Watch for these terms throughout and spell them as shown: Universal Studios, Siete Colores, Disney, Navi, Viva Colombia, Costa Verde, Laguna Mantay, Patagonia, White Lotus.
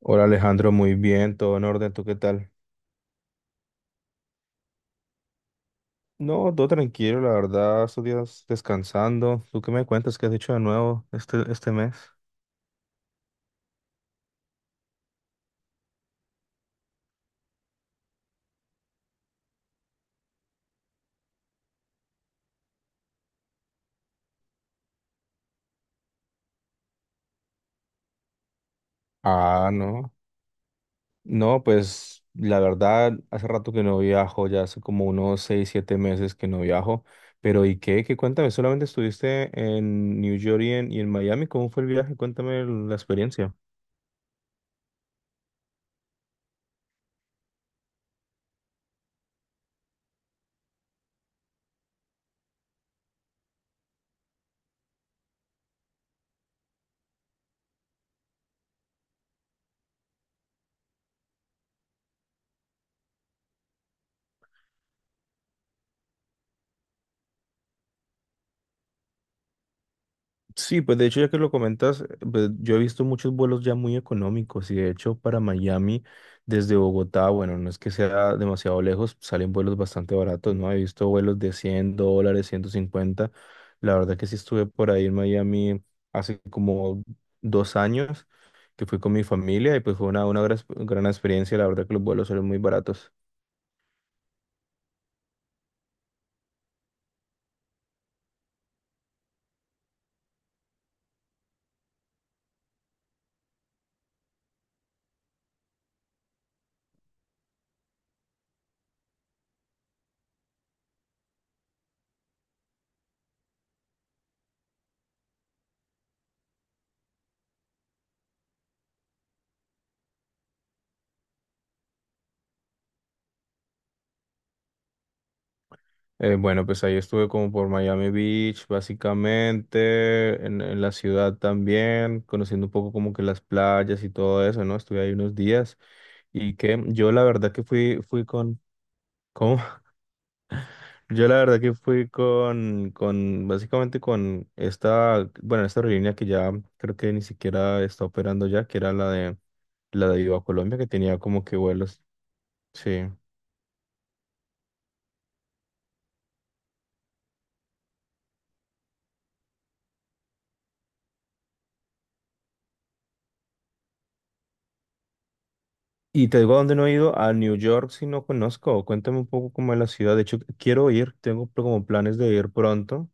Hola Alejandro, muy bien, todo en orden, ¿tú qué tal? No, todo tranquilo, la verdad, estos días descansando. ¿Tú qué me cuentas? ¿Qué has hecho de nuevo este mes? Ah, no. No, pues la verdad, hace rato que no viajo, ya hace como unos seis, siete meses que no viajo. Pero ¿y qué? ¿Qué cuéntame? ¿Solamente estuviste en New York y en Miami? ¿Cómo fue el viaje? Cuéntame la experiencia. Sí, pues de hecho, ya que lo comentas, pues, yo he visto muchos vuelos ya muy económicos y de hecho para Miami desde Bogotá, bueno, no es que sea demasiado lejos, salen vuelos bastante baratos, ¿no? He visto vuelos de $100, 150. La verdad que sí estuve por ahí en Miami hace como 2 años que fui con mi familia y pues fue una gran, gran experiencia. La verdad que los vuelos salen muy baratos. Bueno, pues ahí estuve como por Miami Beach, básicamente, en la ciudad también, conociendo un poco como que las playas y todo eso, ¿no? Estuve ahí unos días y que yo la verdad que fui con, ¿cómo? Yo la verdad que fui con básicamente con esta, bueno, esta aerolínea que ya creo que ni siquiera está operando ya, que era la de Viva Colombia, que tenía como que vuelos, sí. Y te digo a dónde no he ido, a New York si no conozco. Cuéntame un poco cómo es la ciudad. De hecho, quiero ir, tengo como planes de ir pronto.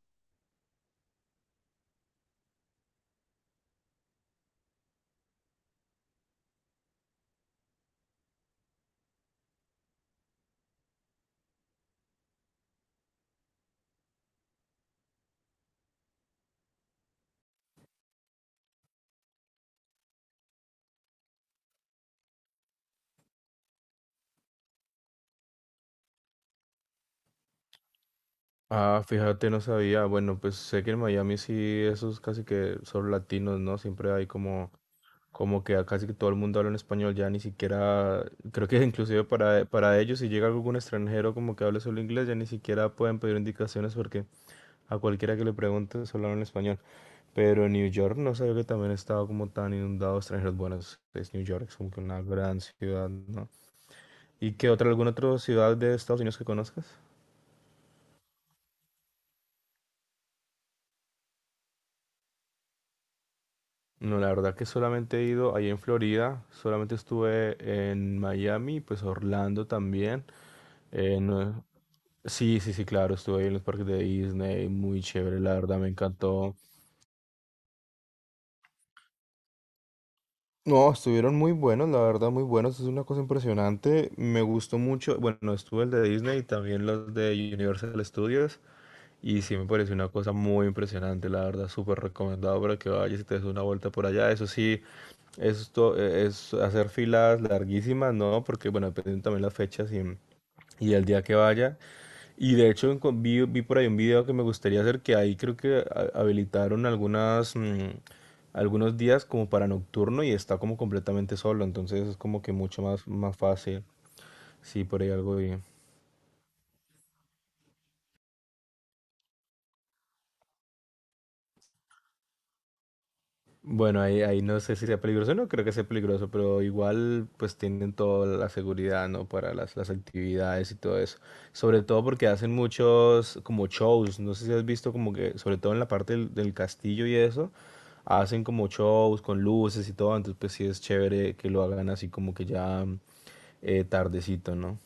Ah, fíjate, no sabía. Bueno, pues sé que en Miami sí, esos casi que son latinos, ¿no? Siempre hay como, como que a casi que todo el mundo habla en español, ya ni siquiera, creo que inclusive para ellos, si llega algún extranjero como que hable solo inglés, ya ni siquiera pueden pedir indicaciones porque a cualquiera que le pregunte, solo hablan español. Pero en New York no sabía que también estaba como tan inundado de extranjeros. Bueno, es New York, es como que una gran ciudad, ¿no? ¿Y qué otra, alguna otra ciudad de Estados Unidos que conozcas? No, la verdad que solamente he ido ahí en Florida, solamente estuve en Miami, pues Orlando también. eh, no- sí, sí, sí, claro, estuve ahí en los parques de Disney, muy chévere, la verdad me encantó. No, estuvieron muy buenos, la verdad, muy buenos. Es una cosa impresionante. Me gustó mucho. Bueno, estuvo el de Disney y también los de Universal Studios. Y sí me pareció una cosa muy impresionante, la verdad, súper recomendado para que vayas y te des una vuelta por allá. Eso sí, esto es hacer filas larguísimas, ¿no? Porque, bueno, dependen también las fechas y el día que vayas. Y de hecho vi por ahí un video que me gustaría hacer, que ahí creo que habilitaron algunas, algunos días como para nocturno y está como completamente solo, entonces es como que mucho más, más fácil. Sí, por ahí algo bien. Bueno, ahí no sé si sea peligroso, no creo que sea peligroso, pero igual pues tienen toda la seguridad, ¿no? Para las actividades y todo eso. Sobre todo porque hacen muchos como shows, no sé si has visto como que, sobre todo en la parte del castillo y eso hacen como shows con luces y todo, entonces pues sí es chévere que lo hagan así como que ya tardecito, ¿no?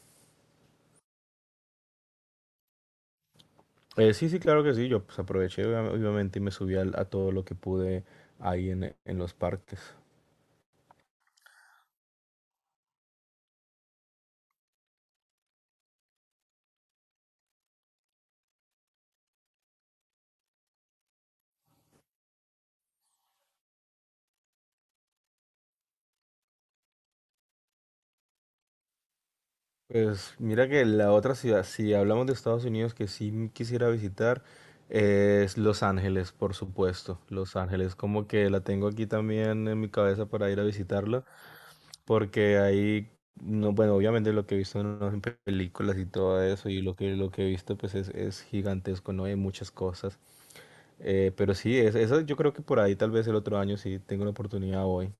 Sí, sí, claro que sí, yo pues obviamente y a todo lo que pude ahí en los parques. Pues mira que la otra ciudad, si hablamos de Estados Unidos, que sí quisiera visitar, es Los Ángeles, por supuesto. Los Ángeles, como que la tengo aquí también en mi cabeza para ir a visitarla. Porque ahí, no, bueno, obviamente lo que he visto en películas y todo eso, y lo que he visto pues es gigantesco, ¿no? Hay muchas cosas. Pero sí, es, eso yo creo que por ahí tal vez el otro año sí tengo la oportunidad hoy.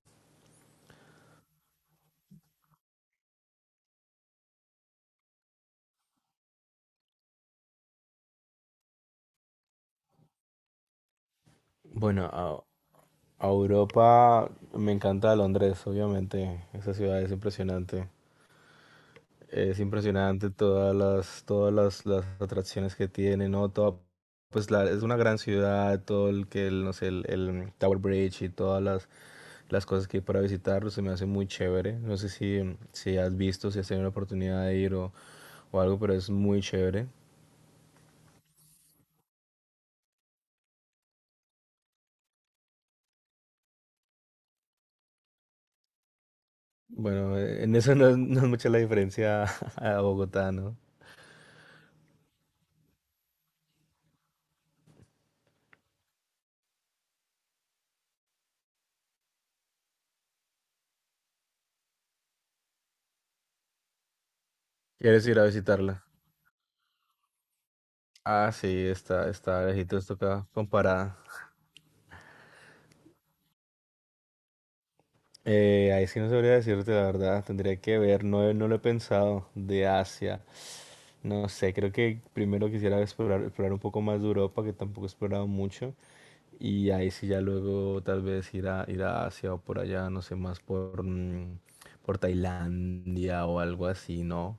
Bueno, a Europa me encanta Londres, obviamente, esa ciudad es impresionante. Es impresionante todas las atracciones que tiene, ¿no? Toda, pues la, es una gran ciudad, todo el que, el, no sé, el Tower Bridge y las cosas que hay para visitar, pues, se me hace muy chévere. No sé si, Si has visto, si has tenido la oportunidad de ir o algo, pero es muy chévere. Bueno, en eso no es mucha la diferencia a Bogotá, ¿no? ¿Quieres ir a visitarla? Ah, sí, está lejito, esto acá comparada. Ahí sí no sabría decirte la verdad, tendría que ver, no, no lo he pensado, de Asia. No sé, creo que primero quisiera explorar, explorar un poco más de Europa, que tampoco he explorado mucho, y ahí sí ya luego tal vez ir ir a Asia o por allá, no sé, más por, por Tailandia o algo así, ¿no?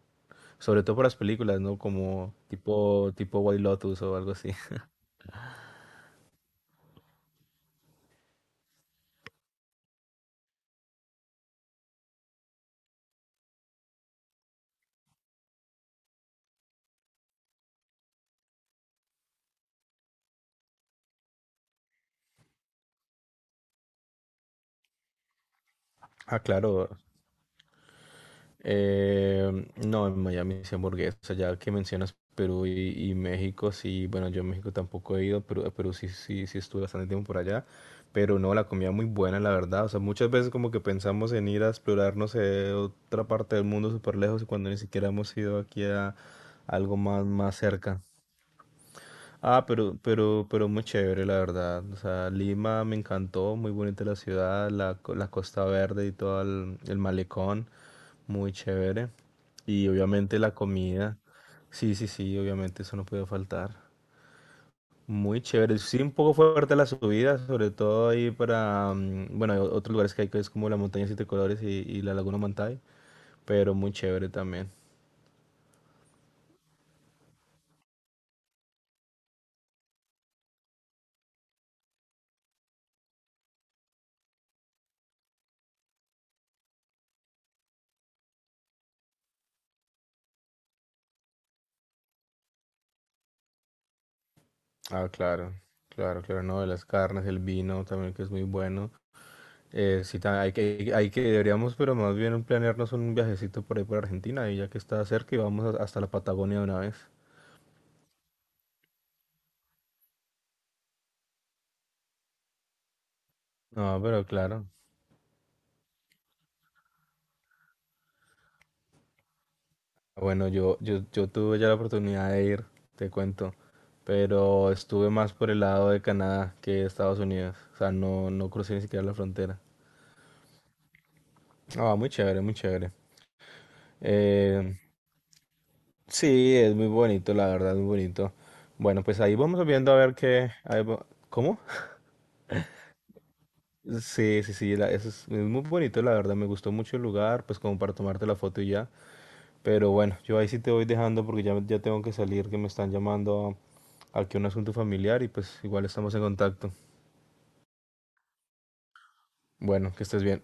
Sobre todo por las películas, ¿no? Como tipo, tipo White Lotus o algo así. Ah, claro. No, en Miami sí hamburguesa, ya que mencionas Perú y México, sí, bueno, yo a México tampoco he ido, pero a Perú sí, sí, sí estuve bastante tiempo por allá, pero no, la comida muy buena, la verdad, o sea, muchas veces como que pensamos en ir a explorar, no sé, otra parte del mundo súper lejos y cuando ni siquiera hemos ido aquí a algo más, más cerca. Ah, pero muy chévere, la verdad. O sea, Lima me encantó, muy bonita la ciudad, la Costa Verde y todo el malecón, muy chévere. Y obviamente la comida. Sí, sí, sí, obviamente eso no puede faltar. Muy chévere. Sí, un poco fuerte la subida, sobre todo ahí para, bueno, hay otros lugares que hay que es como la montaña Siete Colores y la Laguna Mantay, pero muy chévere también. Ah, claro, claro, claro, no, de las carnes, el vino también que es muy bueno. Sí, deberíamos, pero más bien planearnos un viajecito por ahí por Argentina, y ya que está cerca y hasta la Patagonia de una vez. No, pero claro. Bueno, yo tuve ya la oportunidad de ir, te cuento, pero estuve más por el lado de Canadá que de Estados Unidos. O sea, no crucé ni siquiera la frontera. Ah, muy chévere, muy chévere. Eh, sí, es muy bonito, la verdad, muy bonito. Bueno, pues ahí vamos viendo a ver qué... ¿Cómo? Sí, sí, sí, eso es muy bonito, la verdad, me gustó mucho el lugar, pues como para tomarte la foto y ya. Pero bueno, yo ahí sí te voy dejando porque ya, ya tengo que salir, que me están llamando aquí a un asunto familiar y pues igual estamos en contacto. Bueno, que estés bien.